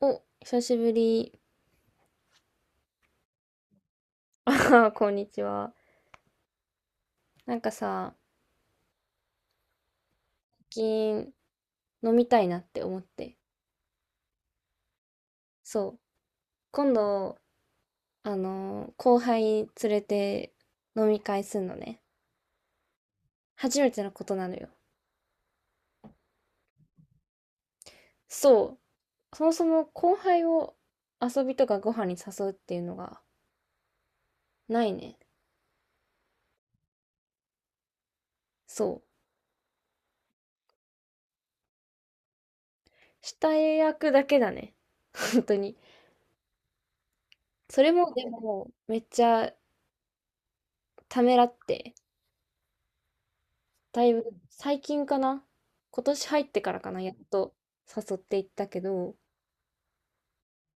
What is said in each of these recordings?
お、久しぶり。こんにちは。なんかさ、最近飲みたいなって思って。そう。今度、あの後輩連れて飲み会すんのね。初めてのことなのよ。そう。そもそも後輩を遊びとかご飯に誘うっていうのがないね。そう。下役だけだね。本当に。それもでも、めっちゃためらって、だいぶ最近かな、今年入ってからかな、やっと誘っていったけど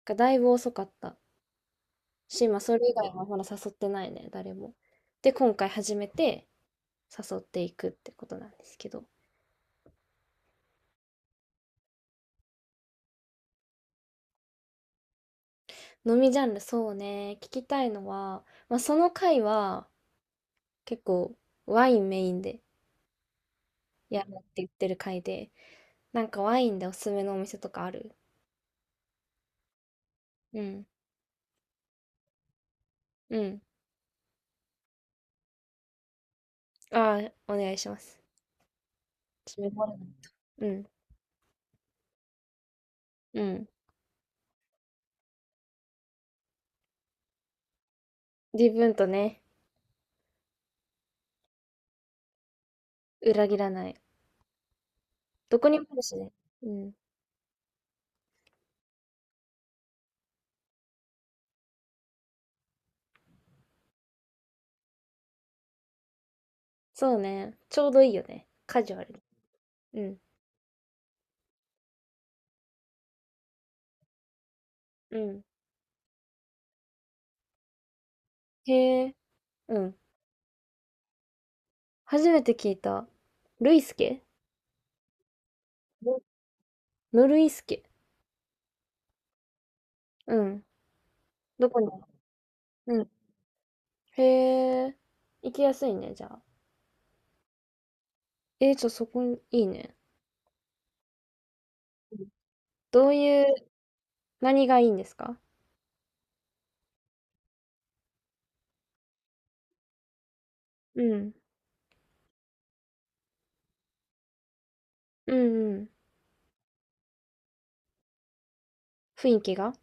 がだいぶ遅かったし、まあ、それ以外はまだ誘ってないね、誰も。で今回初めて誘っていくってことなんですけど、飲みジャンル、そうね、聞きたいのは、まあ、その回は結構ワインメインでやるって言ってる回で、なんかワインでおすすめのお店とかある？うん。うん。ああ、お願いします。私メモるな。うん。うん。自分とね。裏切らない。どこにもあるしね。うん。そうね。ちょうどいいよね。カジュアルに。うん。うん。へえ。うん。初めて聞いた。ルイスケ。ノノルイスケ。うん。どこにも。うん。へえ。行きやすいね、じゃあ。そこに、いいね。うん。どういう、何がいいんですか？うん。うんうん。雰囲気が。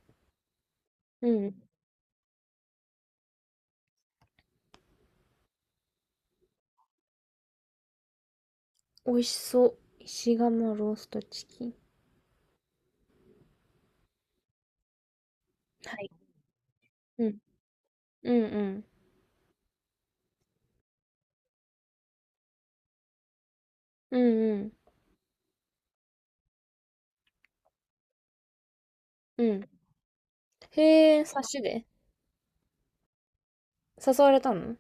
うん。美味しそう。石窯ローストチキン。はい。うん。うんうん。うんうん。うん。へえ、察しで誘われたの？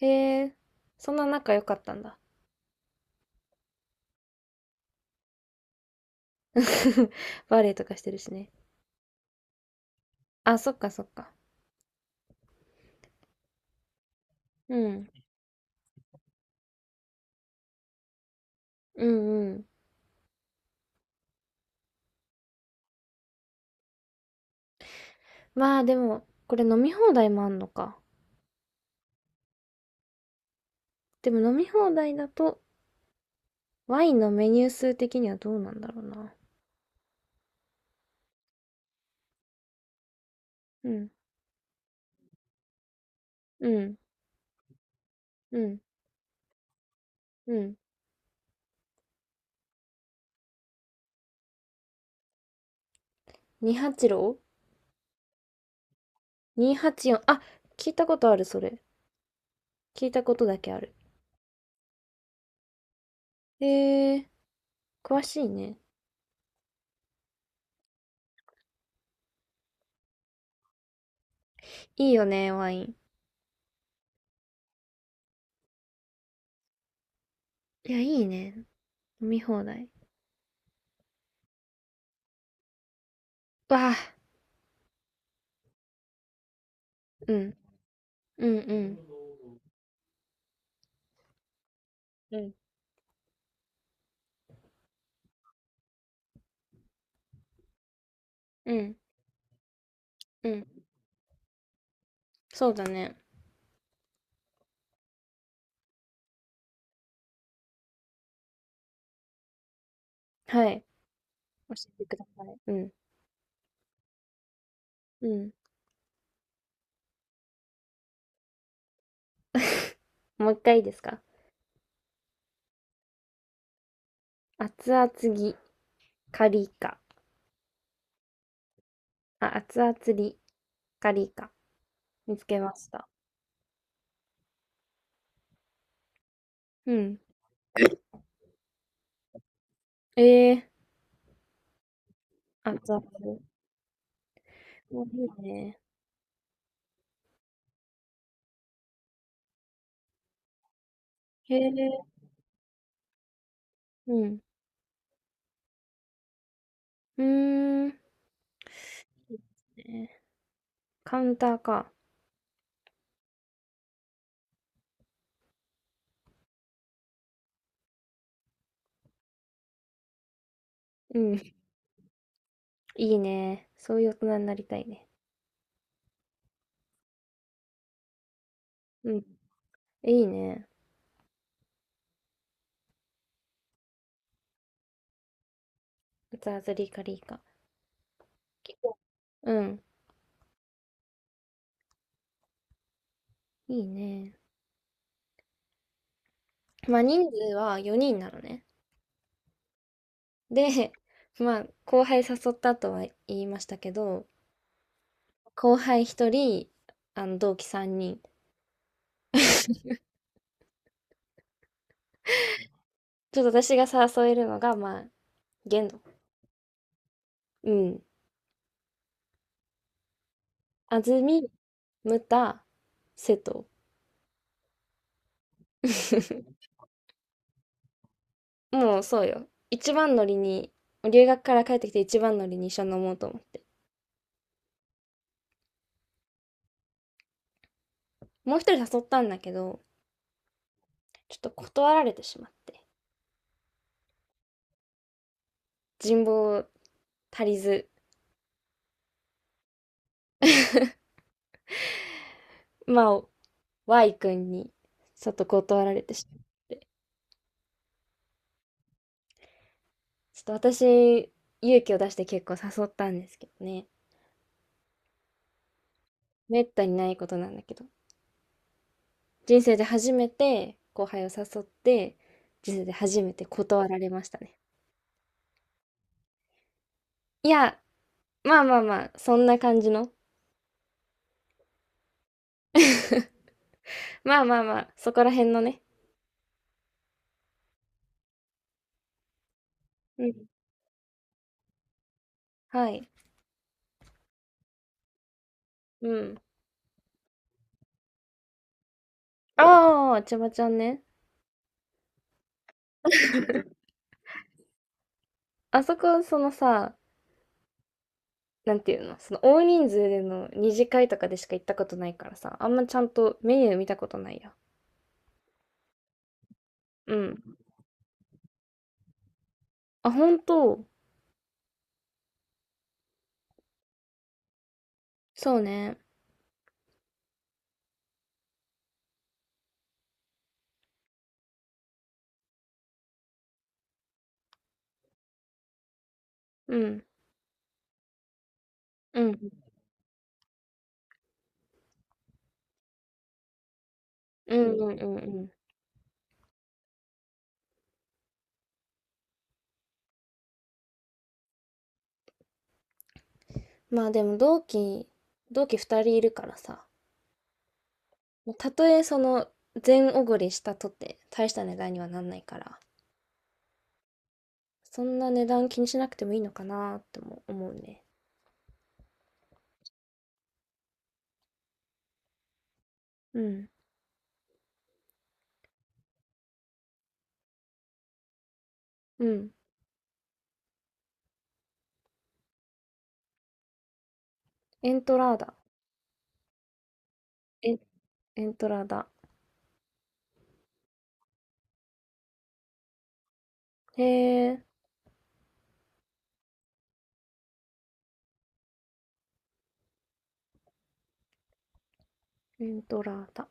へえ、そんな仲良かったんだ。バレエとかしてるしね。あ、そっかそっか。うん。うんうん。まあでも、これ飲み放題もあんのか。でも飲み放題だと、ワインのメニュー数的にはどうなんだろうな。うん。うん。うん。うん。286?284。にひゃくはちじゅうよん。あ、聞いたことある、それ。聞いたことだけある。へえ、詳しいね。いいよね、ワイン。いや、いいね。飲み放題。わあ、うん、うん、うん、うん、うん、うん、そうだね。はい。教えてください。うん、うん。もう一回いいですか？熱々ぎ、カリカ。あ、熱々り、カリカ。見つけました。うん。ええー、熱々。お、いいね。へえ、うん。うーん。いいですね。カウンターか。うん。いいね。そういう大人になりたいね。うん。いいね。熱々り、カリカ。結構。うん。いいね。まあ人数は4人なのね。で、まあ後輩誘ったとは言いましたけど、後輩1人、あの同期3人。ちょっと私が誘えるのが、まあ、限度。うん。安住、ムタ、瀬戸。もうそうよ。一番乗りに、留学から帰ってきて一番乗りに一緒に飲もうと思って。もう一人誘ったんだけど、ちょっと断られてしまって。人望足りず、まあ、Y 君に、ちょっと断られてしちょっと私、勇気を出して結構誘ったんですけどね。めったにないことなんだけど。人生で初めて後輩を誘って、人生で初めて断られましたね。いや、まあまあまあ、そんな感じの。まあまあまあ、そこら辺のね。うん。はい。うん。ああ、ちゃばちゃんね。あそこ、そのさ、なんていうの、その大人数での二次会とかでしか行ったことないからさ、あんまちゃんとメニュー見たことないや。うん。あ、ほんと、そうね。うん。うん、うんうんうんうん。まあでも同期2人いるからさ、たとえその全おごりしたとって大した値段にはなんないから、そんな値段気にしなくてもいいのかなっても思うね。うん、うん。エントラーダ。え、エントラーダ。へえ、エントラーダ。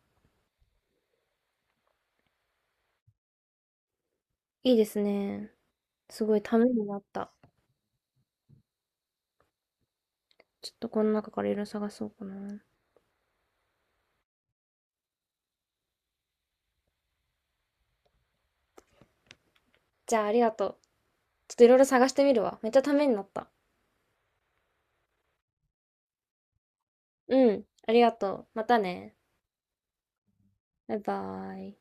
いいですね。すごいためになった。ちょっとこの中からいろいろ探そうかな。じゃあありがとう。ちょっといろいろ探してみるわ。めっちゃためになった。うん、ありがとう。またね。バイバイ。